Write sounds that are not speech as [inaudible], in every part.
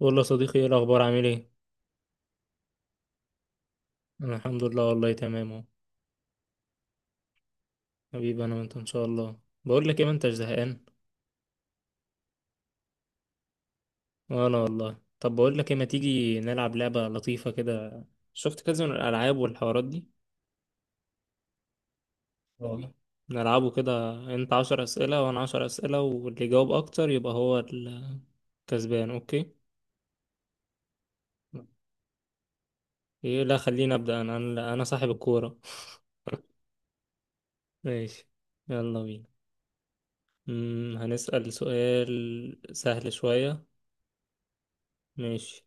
بقول له يا صديقي، ايه الاخبار؟ عامل ايه؟ انا الحمد لله والله تمام اهو. حبيبي انا وانت ان شاء الله. بقول لك ايه، ما انتش زهقان؟ وانا والله. طب بقول لك ايه، ما تيجي نلعب لعبه لطيفه كده؟ شفت كذا من الالعاب والحوارات دي. اه، نلعبه كده، انت عشر اسئله وانا عشر اسئله، واللي يجاوب اكتر يبقى هو الكسبان. اوكي؟ ايه لا، خليني ابدا انا انا أنا صاحب الكوره. [laughs] ماشي، يلا بينا. هنسال سؤال سهل شويه. ماشي.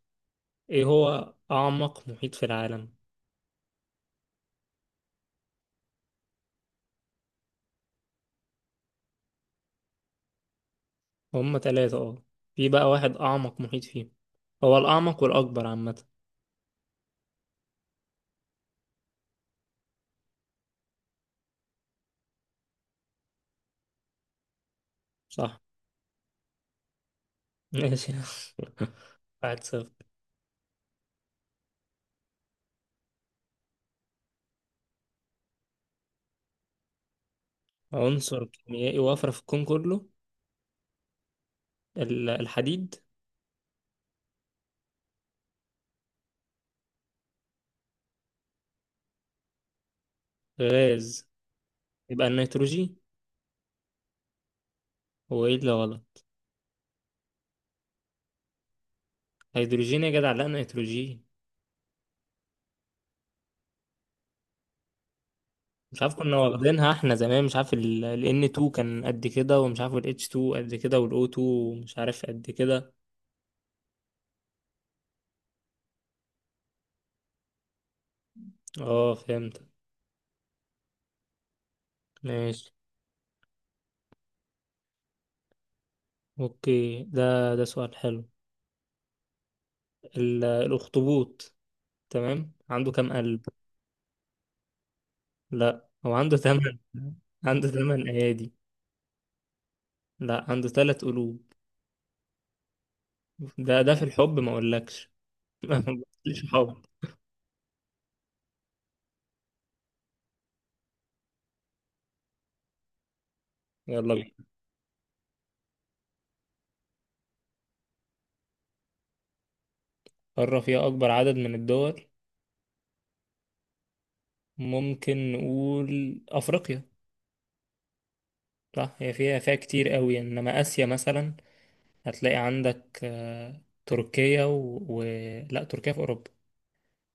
ايه هو أعمق محيط في العالم؟ هما تلاتة اه، في بقى واحد أعمق محيط فيهم، هو الأعمق والأكبر عامة. صح. ماشي. [laughs] واحد صفر. عنصر كيميائي وافرة في الكون كله؟ الحديد. غاز؟ يبقى النيتروجين. هو ايه اللي غلط؟ هيدروجين يا جدع؟ لا، نيتروجين. مش عارف، كنا [laughs] واخدينها احنا زمان، مش عارف ال N2 كان قد كده، ومش عارف ال H2 قد كده، وال O2 مش عارف قد كده. اه فهمت. ماشي. اوكي، ده سؤال حلو. الأخطبوط، تمام؟ عنده كام قلب؟ لا، هو عنده تمن. عنده تمن أيادي؟ لا، عنده تلات قلوب. ده في الحب، ما أقولكش. [laughs] ما أقولكش حب. يلا بينا. قارة فيها أكبر عدد من الدول؟ ممكن نقول أفريقيا. صح، هي فيها كتير قوي، إنما آسيا مثلا هتلاقي عندك آه، تركيا و... و... لا، تركيا في أوروبا.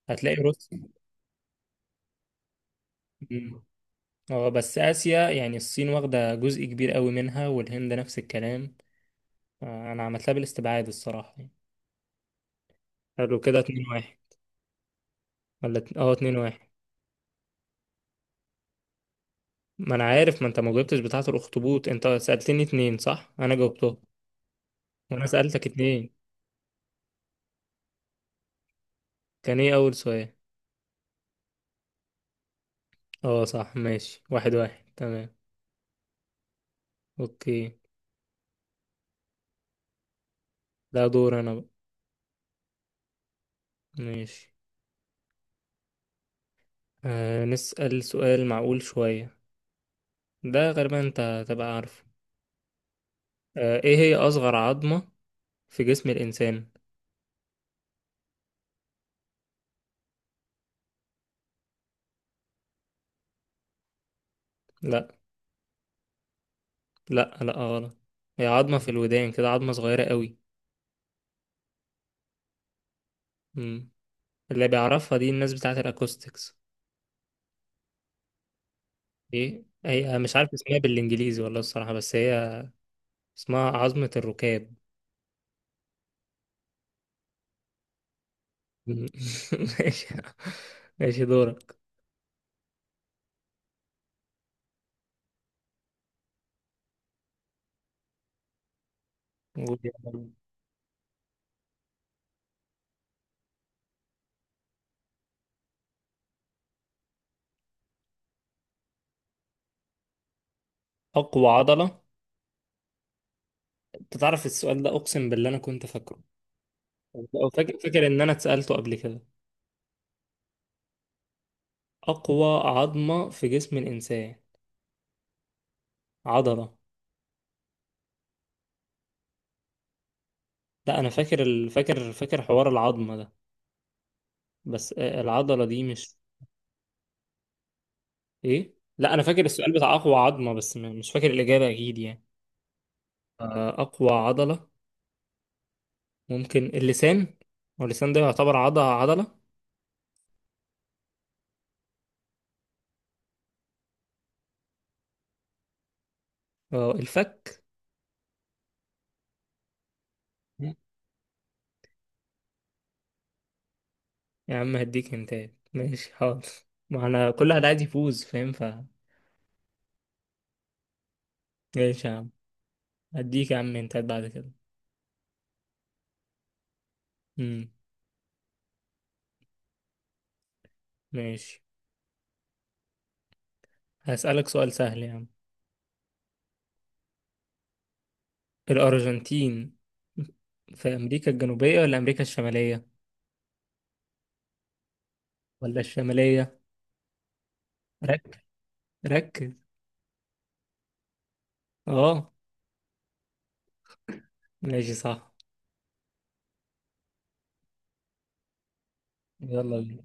هتلاقي روسيا. مم. اه، بس آسيا يعني الصين واخدة جزء كبير قوي منها، والهند نفس الكلام. آه، انا عملتها بالاستبعاد الصراحه يعني. حلو كده، 2-1. ولا 2-1؟ ما انا عارف، ما انت ما جاوبتش بتاعه الاخطبوط، انت سالتني اتنين صح، انا جاوبتهم. وانا سالتك اتنين. كان ايه اول سؤال؟ اه صح، ماشي، واحد واحد، تمام. اوكي، ده دور انا بقى. ماشي. آه، نسال سؤال معقول شويه. ده غالبا انت هتبقى عارفه. آه، ايه هي اصغر عظمه في جسم الانسان؟ لا. لا غلط. هي عظمه في الودان كده، عظمه صغيره قوي. اللي بيعرفها دي الناس بتاعت الاكوستكس. ايه هي؟ مش عارف اسمها بالانجليزي والله الصراحة، بس هي اسمها عظمة الركاب. [laughs] ماشي. ماشي دورك. اقوى عضلة؟ انت تعرف السؤال ده، اقسم بالله انا كنت فاكره. أو فاكر ان انا اتسألته قبل كده. اقوى عظمة في جسم الانسان؟ عضلة. لا، انا فاكر ال... فاكر حوار العظمة ده، بس آه، العضلة دي مش. ايه؟ لا، انا فاكر السؤال بتاع اقوى عظمة، بس مش فاكر الاجابة اكيد يعني. آه، أقوى عضلة ممكن اللسان. واللسان ده يعتبر عضلة. اه، الفك. يا عم هديك هنتات، ماشي حاضر. ما انا كل واحد عايز يفوز، فاهم؟ ف... ماشي يا عم، هديك يا عم هنتات بعد كده. امم. ماشي، هسألك سؤال سهل يا عم. الأرجنتين في أمريكا الجنوبية ولا أمريكا الشمالية؟ ولا الشمالية؟ ركز، ركز. اه، ماشي صح. يلا بينا.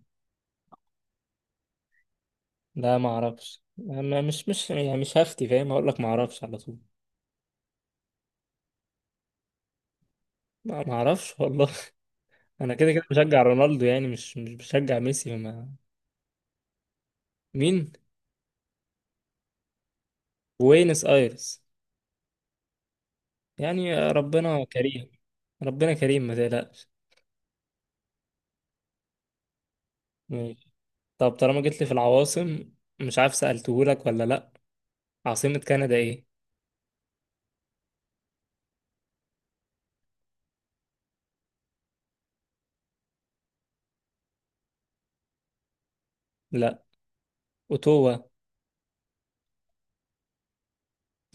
لا ما اعرفش، انا مش يعني مش هفتي، فاهم، هقول لك ما اعرفش على طول. لا ما اعرفش والله. [laughs] انا كده كده بشجع رونالدو يعني، مش بشجع ميسي، وما... مين؟ بوينس ايرس. يعني ربنا كريم. ربنا كريم، ما تقلقش. ماشي. طب طالما جيت لي في العواصم، مش عارف سألتهولك ولا لا، عاصمة كندا ايه؟ لا. اوتوا.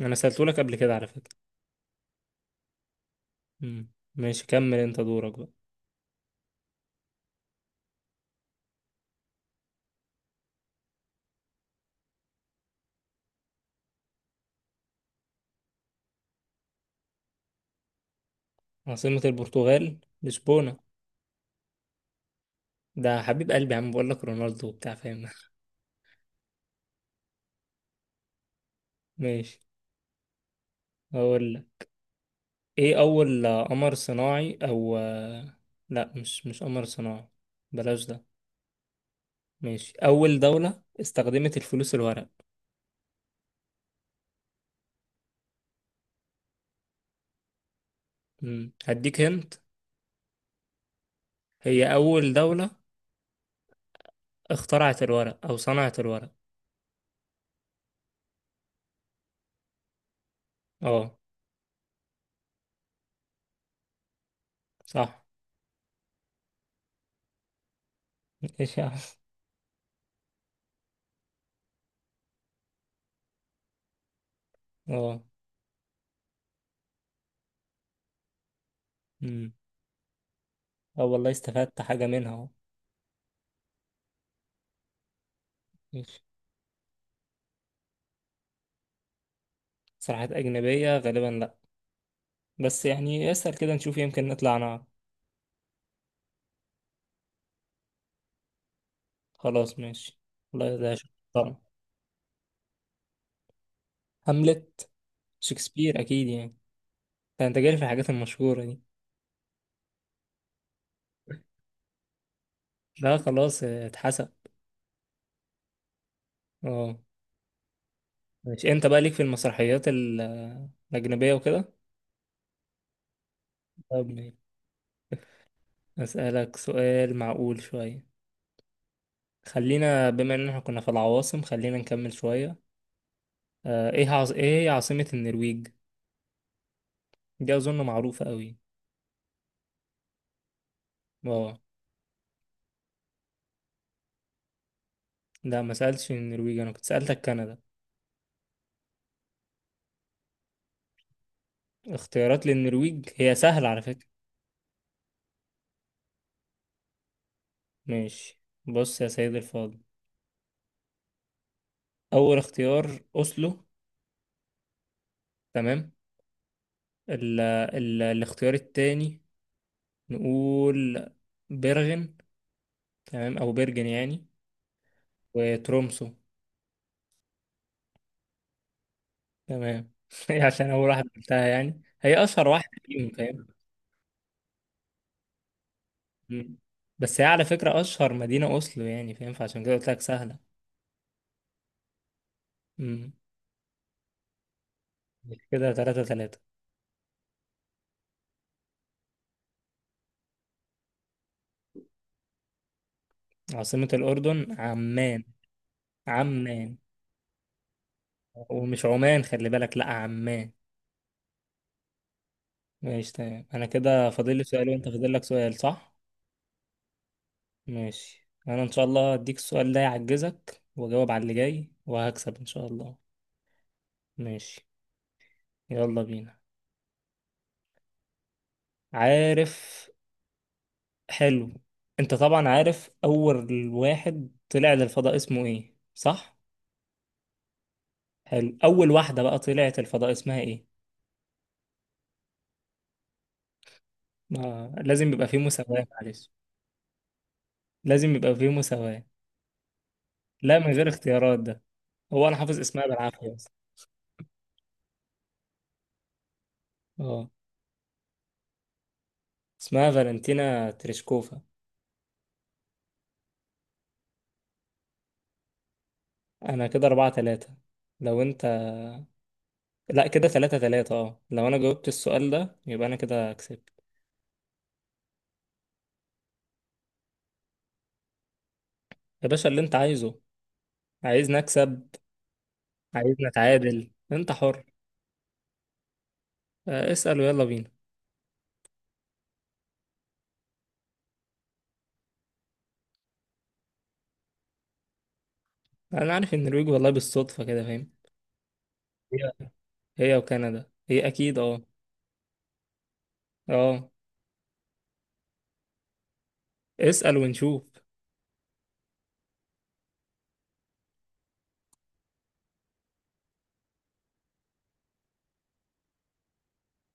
انا سألتهولك قبل كده على فكرة. مم. ماشي، كمل انت دورك بقى. عاصمة البرتغال لشبونة. ده حبيب قلبي يا عم، بقول لك رونالدو وبتاع، فاهم. [laughs] ماشي. هو ايه اول آه، قمر صناعي او آه، لا مش قمر صناعي، بلاش ده. ماشي، اول دولة استخدمت الفلوس الورق؟ مم، هديك هنت. هي اول دولة اخترعت الورق او صنعت الورق. اه صح. ايش يا عم؟ اه. مم. اه والله، استفدت حاجة منها اهو. ماشي. صراحة اجنبية غالبا لا، بس يعني اسأل كده نشوف، يمكن نطلع نعرف. خلاص ماشي. والله ده شطارة. هاملت؟ شكسبير اكيد يعني، ده انت جاي في الحاجات المشهورة دي. لا خلاص آه، اتحسن. اه ماشي، انت بقى ليك في المسرحيات الأجنبية وكده. طب ماشي. أسألك سؤال معقول شوية. خلينا بما ان احنا كنا في العواصم، خلينا نكمل شوية. آه، ايه عاص... ايه هي عاصمة النرويج؟ دي اظن معروفة قوي. اه. لا، ما سألتش النرويج، انا كنت سألتك كندا. اختيارات للنرويج؟ هي سهلة على فكرة. ماشي، بص يا سيد الفاضل، اول اختيار اوسلو، تمام. ال... الاختيار التاني نقول بيرغن، تمام، او بيرجن يعني. وترومسو. تمام. [laughs] هي عشان اول واحده قلتها يعني، هي اشهر واحده فيهم، فاهم. مم. بس هي على فكره اشهر مدينه اوسلو يعني، فاهم، فعشان كده قلت لك سهله. مم. كده تلاتة تلاتة. عاصمه الاردن عمان. عمان. ومش عمان، خلي بالك، لا عمان. ماشي تمام، انا كده فاضل لي سؤال وانت فاضل لك سؤال صح. ماشي، انا ان شاء الله هديك السؤال ده يعجزك، واجاوب على اللي جاي وهكسب ان شاء الله. ماشي، يلا بينا. عارف، حلو، انت طبعا عارف اول واحد طلع للفضاء اسمه ايه صح؟ حلو، اول واحدة بقى طلعت الفضاء اسمها ايه؟ ما لازم يبقى فيه مساواة، معلش. لازم يبقى فيه مساواة. لا من غير اختيارات ده، هو انا حافظ اسمها بالعافية بس. اه، اسمها فالنتينا تريشكوفا. انا كده اربعة تلاتة. لو انت... لا كده تلاتة تلاتة، اه، لو انا جاوبت السؤال ده يبقى انا كده كسبت. يا باشا اللي انت عايزه، عايزني اكسب عايز نتعادل، انت حر. آه، اسأل ويلا بينا. انا عارف ان النرويج والله بالصدفة كده، فاهم. هي، هي وكندا اكيد، اه. اه، اسأل ونشوف.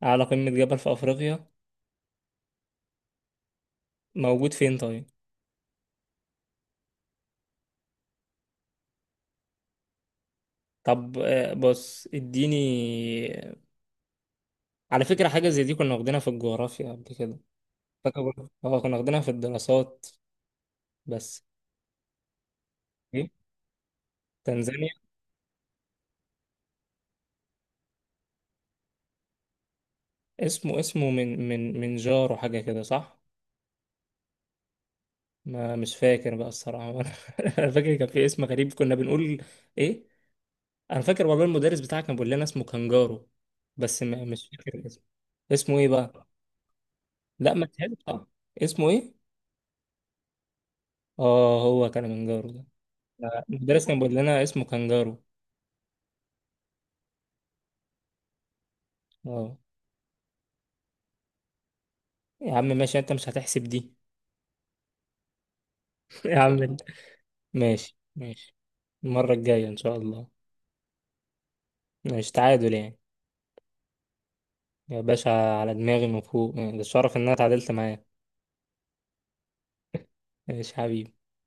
على قمة جبل في افريقيا؟ موجود فين طيب؟ طب آه، بص اديني. على فكرة حاجة زي دي كنا واخدينها في الجغرافيا قبل كده، فاكر، اه كنا واخدينها في الدراسات، بس. ايه؟ تنزانيا؟ اسمه، اسمه من جارو حاجة كده صح؟ ما مش فاكر بقى الصراحة. [laughs] أنا فاكر كان في اسم غريب كنا بنقول إيه. أنا فاكر والله المدرس بتاعك كان بيقول لنا اسمه كانجارو، بس ما مش فاكر اسمه. اسمه إيه بقى؟ لا ما تهيألي آه، اسمه إيه؟ آه، هو كلمنجارو ده. لا، المدرس كان بيقول لنا اسمه كانجارو. آه. يا عم ماشي، أنت مش هتحسب دي. [laughs] يا عم أنت. ماشي ماشي، المرة الجاية إن شاء الله. ماشي، تعادل يعني. يا باشا على دماغي من فوق، آه، ده الشرف إن أنا اتعادلت معاه. ماشي حبيبي.